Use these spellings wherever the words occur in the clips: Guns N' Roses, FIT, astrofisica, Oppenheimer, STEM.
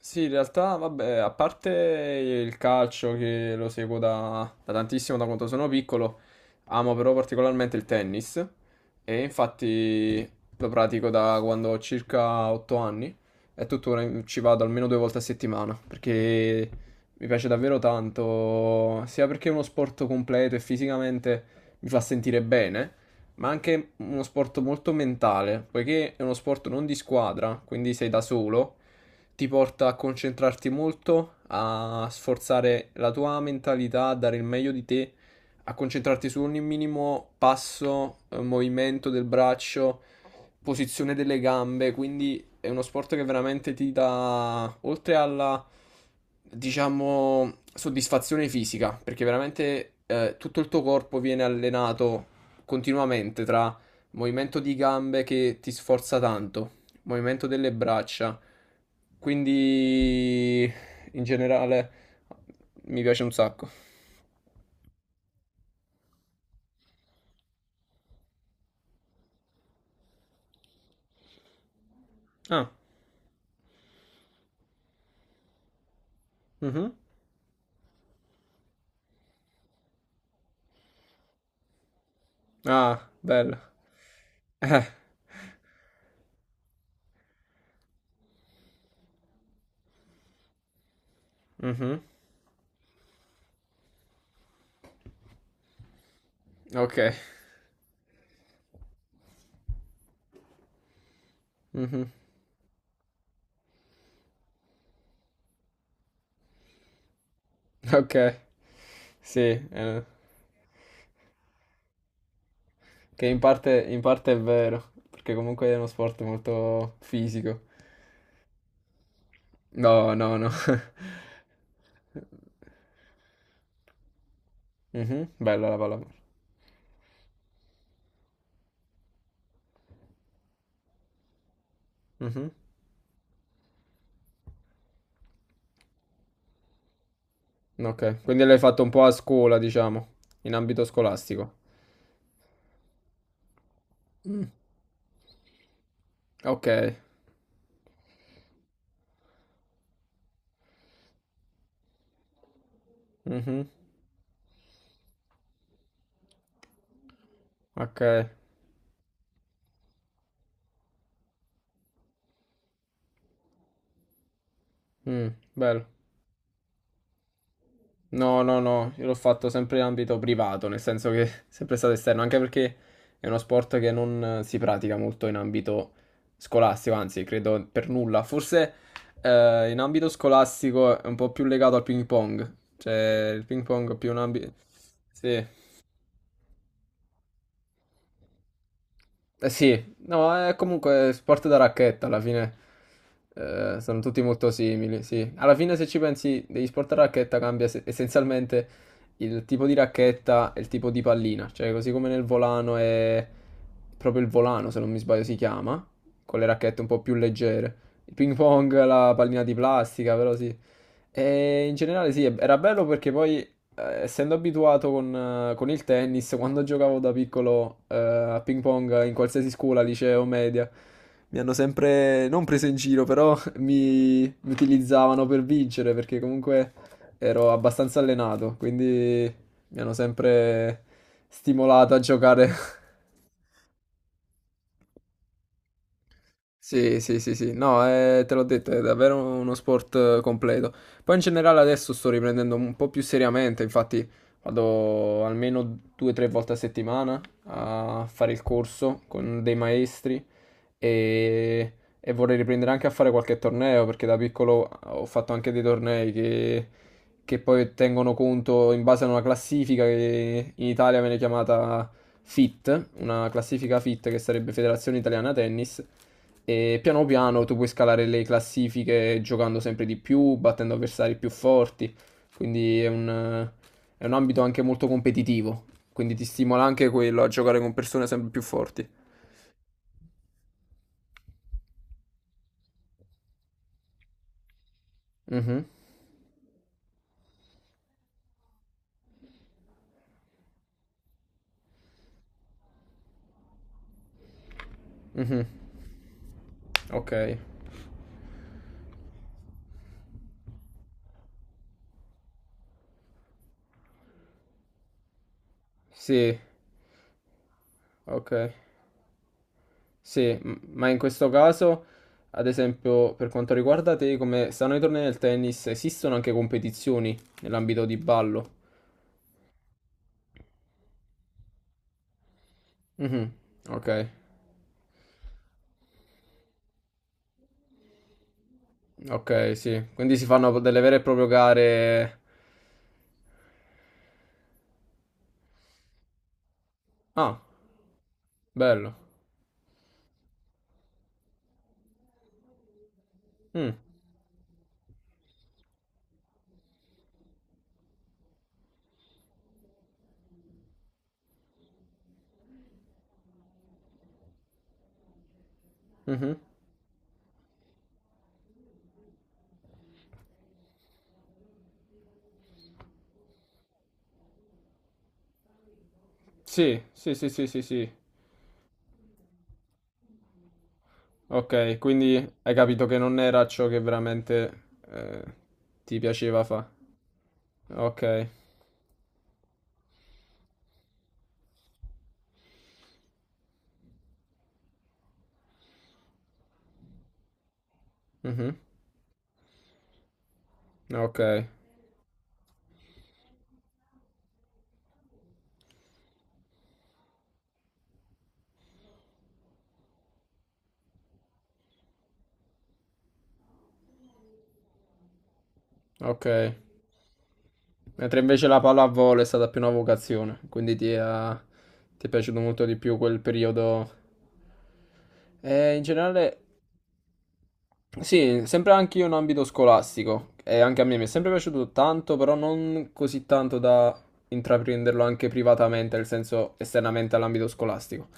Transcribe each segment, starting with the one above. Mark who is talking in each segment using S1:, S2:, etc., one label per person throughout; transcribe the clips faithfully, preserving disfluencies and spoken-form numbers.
S1: Sì, in realtà, vabbè, a parte il calcio che lo seguo da, da tantissimo, da quando sono piccolo, amo però particolarmente il tennis e infatti lo pratico da quando ho circa otto anni e tuttora in- ci vado almeno due volte a settimana perché mi piace davvero tanto, sia perché è uno sport completo e fisicamente mi fa sentire bene, ma anche uno sport molto mentale, poiché è uno sport non di squadra, quindi sei da solo, ti porta a concentrarti molto, a sforzare la tua mentalità, a dare il meglio di te, a concentrarti su ogni minimo passo, eh, movimento del braccio, posizione delle gambe, quindi è uno sport che veramente ti dà, oltre alla, diciamo, soddisfazione fisica, perché veramente eh, tutto il tuo corpo viene allenato continuamente tra movimento di gambe che ti sforza tanto, movimento delle braccia. Quindi in generale mi piace un sacco. Ah, mhm. Ah, bello. Eh, mhm. Ok. Mhm. Ok. Sì, eh, che in parte, in parte è vero, perché comunque è uno sport molto fisico. No, no, no. Mh-mh. Bella la pallamano. Mh-mh. Okay, quindi l'hai fatto un po' a scuola, diciamo, in ambito scolastico. Okay. Mh-mh. Okay. Mh, bello. No, no, no, io l'ho fatto sempre in ambito privato, nel senso che è sempre stato esterno, anche perché è uno sport che non eh, si pratica molto in ambito scolastico, anzi, credo per nulla. Forse, ehm, in ambito scolastico è un po' più legato al ping pong, cioè il ping pong è più un ambi. Sì. Eh sì, no, è comunque sport da racchetta alla fine. Eh, sono tutti molto simili, sì. Alla fine, se ci pensi, degli sport a racchetta cambia se- essenzialmente il tipo di racchetta e il tipo di pallina. Cioè, così come nel volano è proprio il volano, se non mi sbaglio, si chiama, con le racchette un po' più leggere. Il ping pong, la pallina di plastica, però sì. E in generale sì, era bello perché poi, eh, essendo abituato con, eh, con il tennis, quando giocavo da piccolo eh, a ping pong in qualsiasi scuola, liceo, media, mi hanno sempre, non preso in giro, però mi, mi utilizzavano per vincere perché comunque ero abbastanza allenato, quindi mi hanno sempre stimolato a giocare. Sì, sì, sì, sì, no, eh, te l'ho detto, è davvero uno sport eh, completo. Poi in generale adesso sto riprendendo un po' più seriamente, infatti vado almeno due o tre volte a settimana a fare il corso con dei maestri e, e vorrei riprendere anche a fare qualche torneo perché da piccolo ho fatto anche dei tornei che, che poi tengono conto in base a una classifica che in Italia viene chiamata F I T, una classifica F I T che sarebbe Federazione Italiana Tennis. E piano piano tu puoi scalare le classifiche giocando sempre di più, battendo avversari più forti, quindi è un, è un ambito anche molto competitivo, quindi ti stimola anche quello a giocare con persone sempre più forti. Mhm. Mhm. Ok. Sì, ok. Sì, m- ma in questo caso, ad esempio, per quanto riguarda te, come stanno i tornei del tennis, esistono anche competizioni nell'ambito di ballo? Mhm. Ok. Ok, sì. Quindi si fanno delle vere e proprie gare. Ah, bello. Mm, mhm. Sì, sì, sì, sì, sì, sì. Ok, quindi hai capito che non era ciò che veramente eh, ti piaceva fare. Ok. Mhm. Ok, ok. Mentre invece la pallavolo è stata più una vocazione, quindi ti è, ti è piaciuto molto di più quel periodo. Eh, in generale sì, sempre anche io in ambito scolastico, e anche a me mi è sempre piaciuto tanto, però non così tanto da intraprenderlo anche privatamente, nel senso esternamente all'ambito scolastico.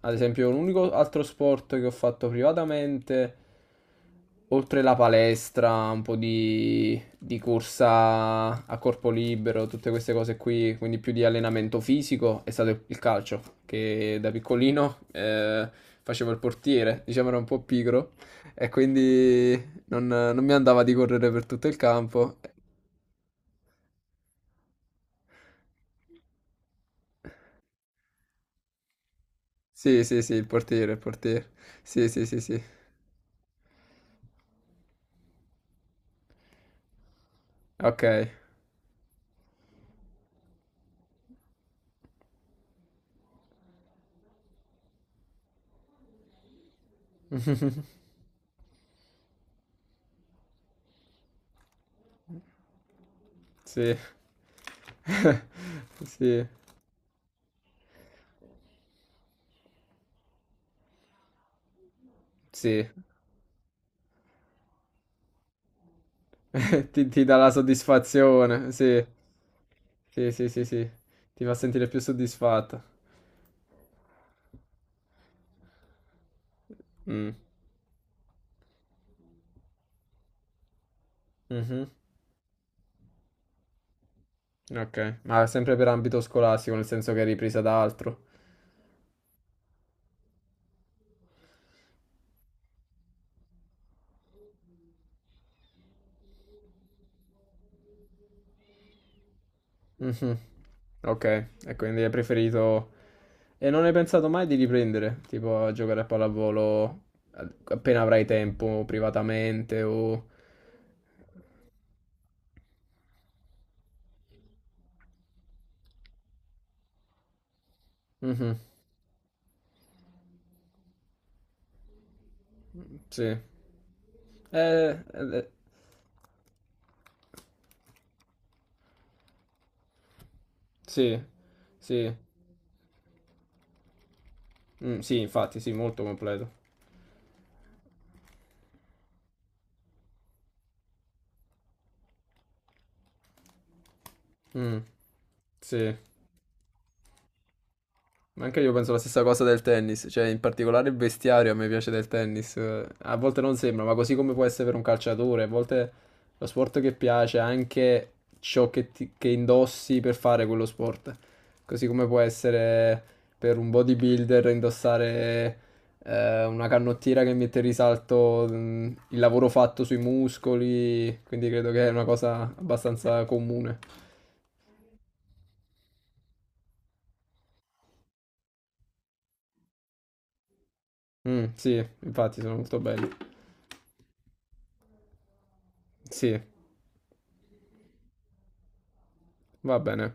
S1: Ad esempio, l'unico altro sport che ho fatto privatamente, oltre la palestra, un po' di, di corsa a corpo libero, tutte queste cose qui, quindi più di allenamento fisico, è stato il calcio, che da piccolino eh, facevo il portiere, diciamo era un po' pigro. E quindi non, non mi andava di correre per tutto il campo. Sì, sì, sì, il portiere, il portiere. Sì, sì, sì, sì. Ok. Sì. Sì, sì. Ti, ti dà la soddisfazione, sì. Sì, sì, sì, sì. Ti fa sentire più soddisfatto. Mm. Mhm. Ok. Ma sempre per ambito scolastico, nel senso che è ripresa da altro. Mhm. Ok, e quindi hai preferito... E non hai pensato mai di riprendere, tipo a giocare a pallavolo a- appena avrai tempo, privatamente o... Mhm. Sì. Eh, eh, eh, sì, sì, mm, sì, infatti, sì, molto completo. Mm, sì. Ma anche io penso la stessa cosa del tennis, cioè in particolare il vestiario a me piace del tennis, eh, a volte non sembra, ma così come può essere per un calciatore, a volte lo sport che piace è anche ciò che, ti- che indossi per fare quello sport, così come può essere per un bodybuilder indossare eh, una canottiera che mette in risalto mm, il lavoro fatto sui muscoli, quindi credo che è una cosa abbastanza comune. Mm, sì, infatti sono molto belli. Sì, va bene.